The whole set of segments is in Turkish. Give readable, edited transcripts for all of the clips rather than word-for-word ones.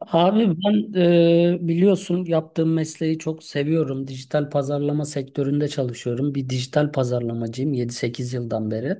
Abi ben biliyorsun yaptığım mesleği çok seviyorum. Dijital pazarlama sektöründe çalışıyorum. Bir dijital pazarlamacıyım 7-8 yıldan beri.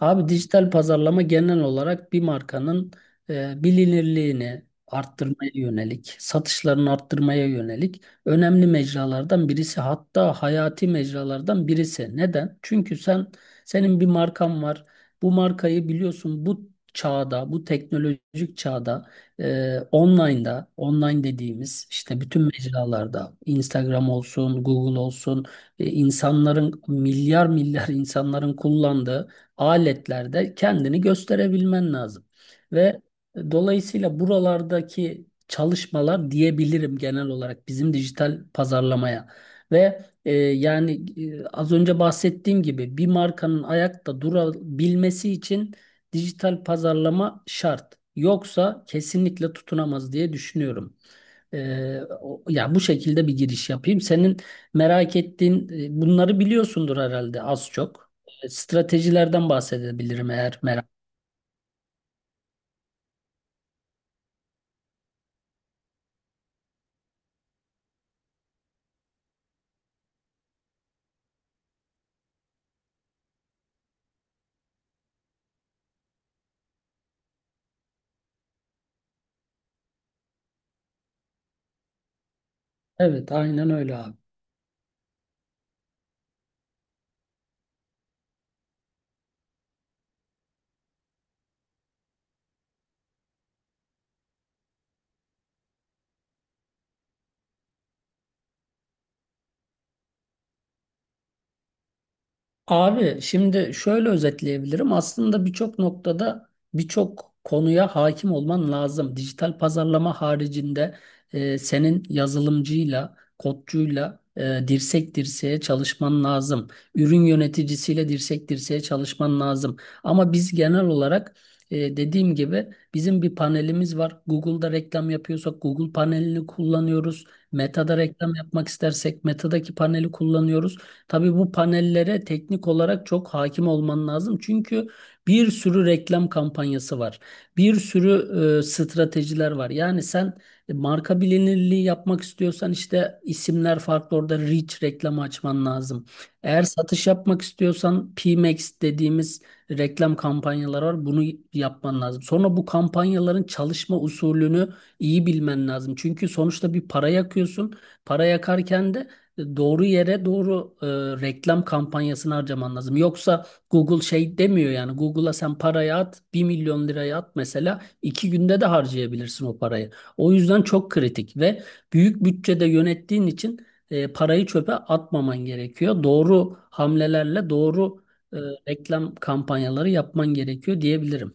Abi dijital pazarlama genel olarak bir markanın bilinirliğini arttırmaya yönelik, satışlarını arttırmaya yönelik önemli mecralardan birisi. Hatta hayati mecralardan birisi. Neden? Çünkü senin bir markan var. Bu markayı biliyorsun bu çağda, bu teknolojik çağda online'da, online dediğimiz işte bütün mecralarda, Instagram olsun, Google olsun, insanların milyar milyar insanların kullandığı aletlerde kendini gösterebilmen lazım. Ve dolayısıyla buralardaki çalışmalar diyebilirim genel olarak bizim dijital pazarlamaya. Ve yani az önce bahsettiğim gibi bir markanın ayakta durabilmesi için dijital pazarlama şart. Yoksa kesinlikle tutunamaz diye düşünüyorum. Ya bu şekilde bir giriş yapayım. Senin merak ettiğin bunları biliyorsundur herhalde az çok. Stratejilerden bahsedebilirim eğer merak. Evet, aynen öyle abi. Abi şimdi şöyle özetleyebilirim. Aslında birçok noktada birçok konuya hakim olman lazım. Dijital pazarlama haricinde senin yazılımcıyla, kodcuyla dirsek dirseğe çalışman lazım. Ürün yöneticisiyle dirsek dirseğe çalışman lazım. Ama biz genel olarak dediğim gibi bizim bir panelimiz var. Google'da reklam yapıyorsak Google panelini kullanıyoruz. Meta'da reklam yapmak istersek Meta'daki paneli kullanıyoruz. Tabii bu panellere teknik olarak çok hakim olman lazım. Çünkü bir sürü reklam kampanyası var. Bir sürü stratejiler var. Yani sen marka bilinirliği yapmak istiyorsan işte isimler farklı orada reach reklamı açman lazım. Eğer satış yapmak istiyorsan PMax dediğimiz reklam kampanyalar var. Bunu yapman lazım. Sonra bu kampanyaların çalışma usulünü iyi bilmen lazım. Çünkü sonuçta bir para yakıyorsun. Para yakarken de doğru yere doğru reklam kampanyasını harcaman lazım. Yoksa Google şey demiyor, yani Google'a sen parayı at, 1.000.000 liraya at mesela, 2 günde de harcayabilirsin o parayı. O yüzden çok kritik ve büyük bütçede yönettiğin için parayı çöpe atmaman gerekiyor. Doğru hamlelerle doğru e, reklam kampanyaları yapman gerekiyor diyebilirim.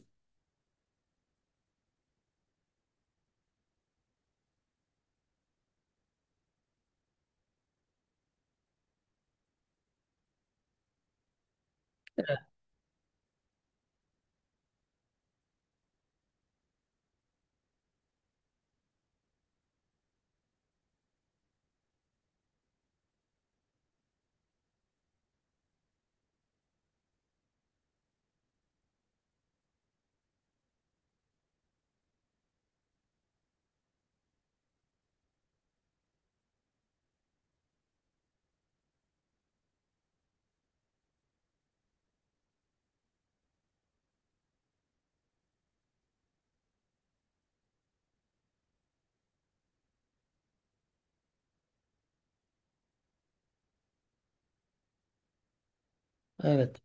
Evet.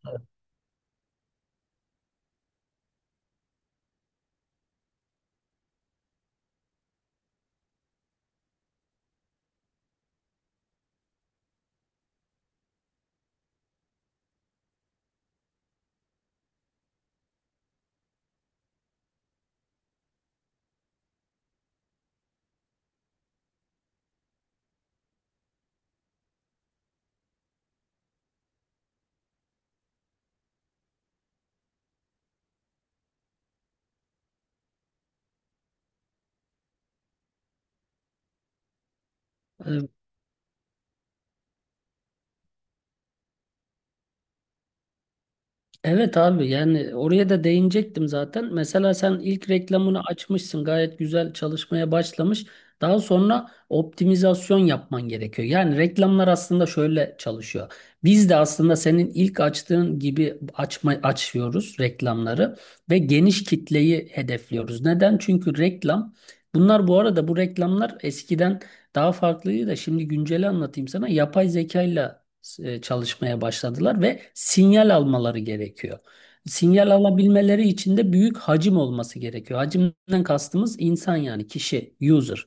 Evet. Evet abi, yani oraya da değinecektim zaten. Mesela sen ilk reklamını açmışsın, gayet güzel çalışmaya başlamış. Daha sonra optimizasyon yapman gerekiyor. Yani reklamlar aslında şöyle çalışıyor. Biz de aslında senin ilk açtığın gibi açma, açıyoruz reklamları ve geniş kitleyi hedefliyoruz. Neden? Çünkü reklam, bunlar bu arada bu reklamlar eskiden daha farklıydı da şimdi günceli anlatayım sana. Yapay zekayla çalışmaya başladılar ve sinyal almaları gerekiyor. Sinyal alabilmeleri için de büyük hacim olması gerekiyor. Hacimden kastımız insan, yani kişi, user.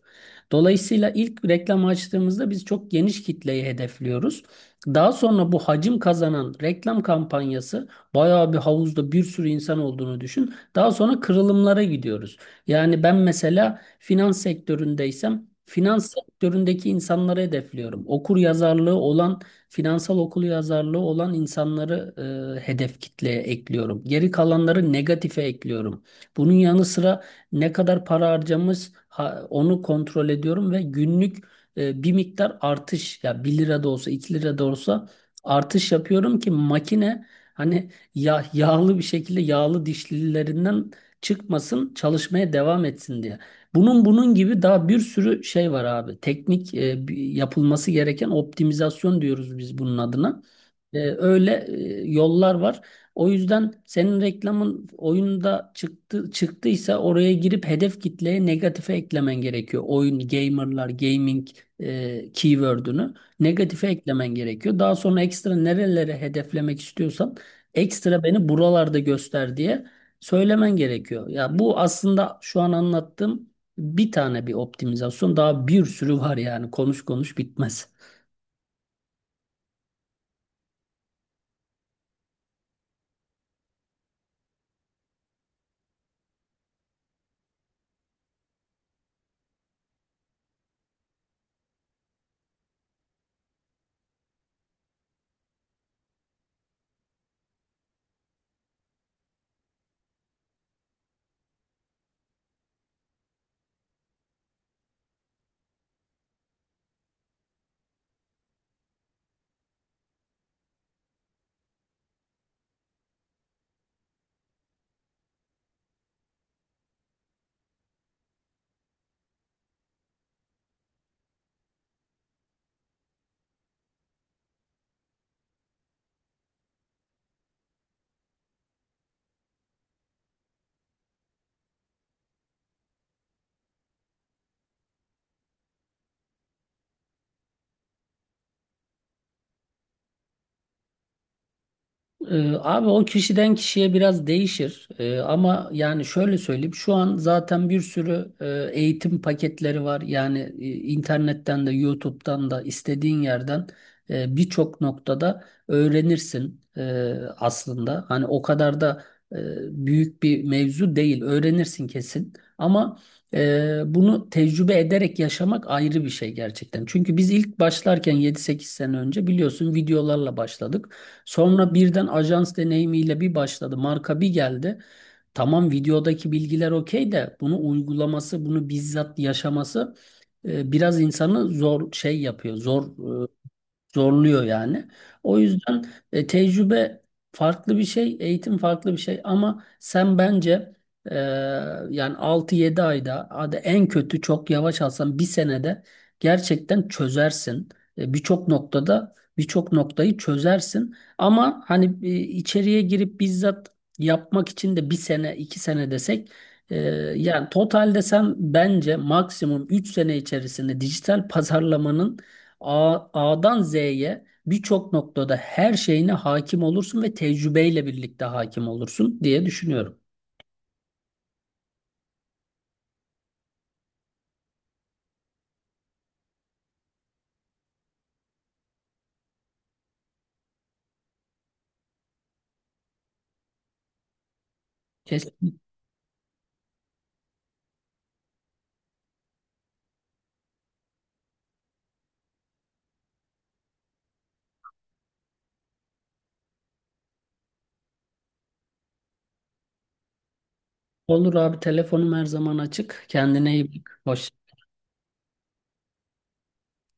Dolayısıyla ilk reklam açtığımızda biz çok geniş kitleyi hedefliyoruz. Daha sonra bu hacim kazanan reklam kampanyası, bayağı bir havuzda bir sürü insan olduğunu düşün. Daha sonra kırılımlara gidiyoruz. Yani ben mesela finans sektöründeysem finans sektöründeki insanları hedefliyorum. Okur yazarlığı olan, finansal okuryazarlığı olan insanları hedef kitleye ekliyorum. Geri kalanları negatife ekliyorum. Bunun yanı sıra ne kadar para harcamız onu kontrol ediyorum ve günlük bir miktar artış, ya 1 lira da olsa 2 lira da olsa artış yapıyorum ki makine, hani ya yağlı bir şekilde yağlı dişlilerinden çıkmasın, çalışmaya devam etsin diye. Bunun gibi daha bir sürü şey var abi. Teknik yapılması gereken optimizasyon diyoruz biz bunun adına. Öyle yollar var. O yüzden senin reklamın oyunda çıktı çıktıysa oraya girip hedef kitleye negatife eklemen gerekiyor. Oyun, gamerlar, gaming keyword'ünü negatife eklemen gerekiyor. Daha sonra ekstra nerelere hedeflemek istiyorsan, ekstra beni buralarda göster diye söylemen gerekiyor. Ya bu aslında şu an anlattığım bir tane bir optimizasyon, daha bir sürü var yani, konuş konuş bitmez. Abi, o kişiden kişiye biraz değişir. Ama yani şöyle söyleyeyim, şu an zaten bir sürü eğitim paketleri var. Yani internetten de YouTube'dan da istediğin yerden birçok noktada öğrenirsin aslında. Hani o kadar da e, büyük bir mevzu değil. Öğrenirsin kesin. Ama bunu tecrübe ederek yaşamak ayrı bir şey gerçekten. Çünkü biz ilk başlarken 7-8 sene önce biliyorsun videolarla başladık. Sonra birden ajans deneyimiyle bir başladı. Marka bir geldi. Tamam, videodaki bilgiler okey de bunu uygulaması, bunu bizzat yaşaması biraz insanı zor şey yapıyor. Zorluyor yani. O yüzden tecrübe farklı bir şey, eğitim farklı bir şey ama sen bence e, yani 6-7 ayda, hadi en kötü çok yavaş alsan 1 senede gerçekten çözersin. Birçok noktada birçok noktayı çözersin ama hani içeriye girip bizzat yapmak için de 1 sene 2 sene desek, e, yani totalde sen bence maksimum 3 sene içerisinde dijital pazarlamanın A'dan Z'ye birçok noktada her şeyine hakim olursun ve tecrübeyle birlikte hakim olursun diye düşünüyorum. Kesin olur abi, telefonum her zaman açık. Kendine iyi bak. Hoşça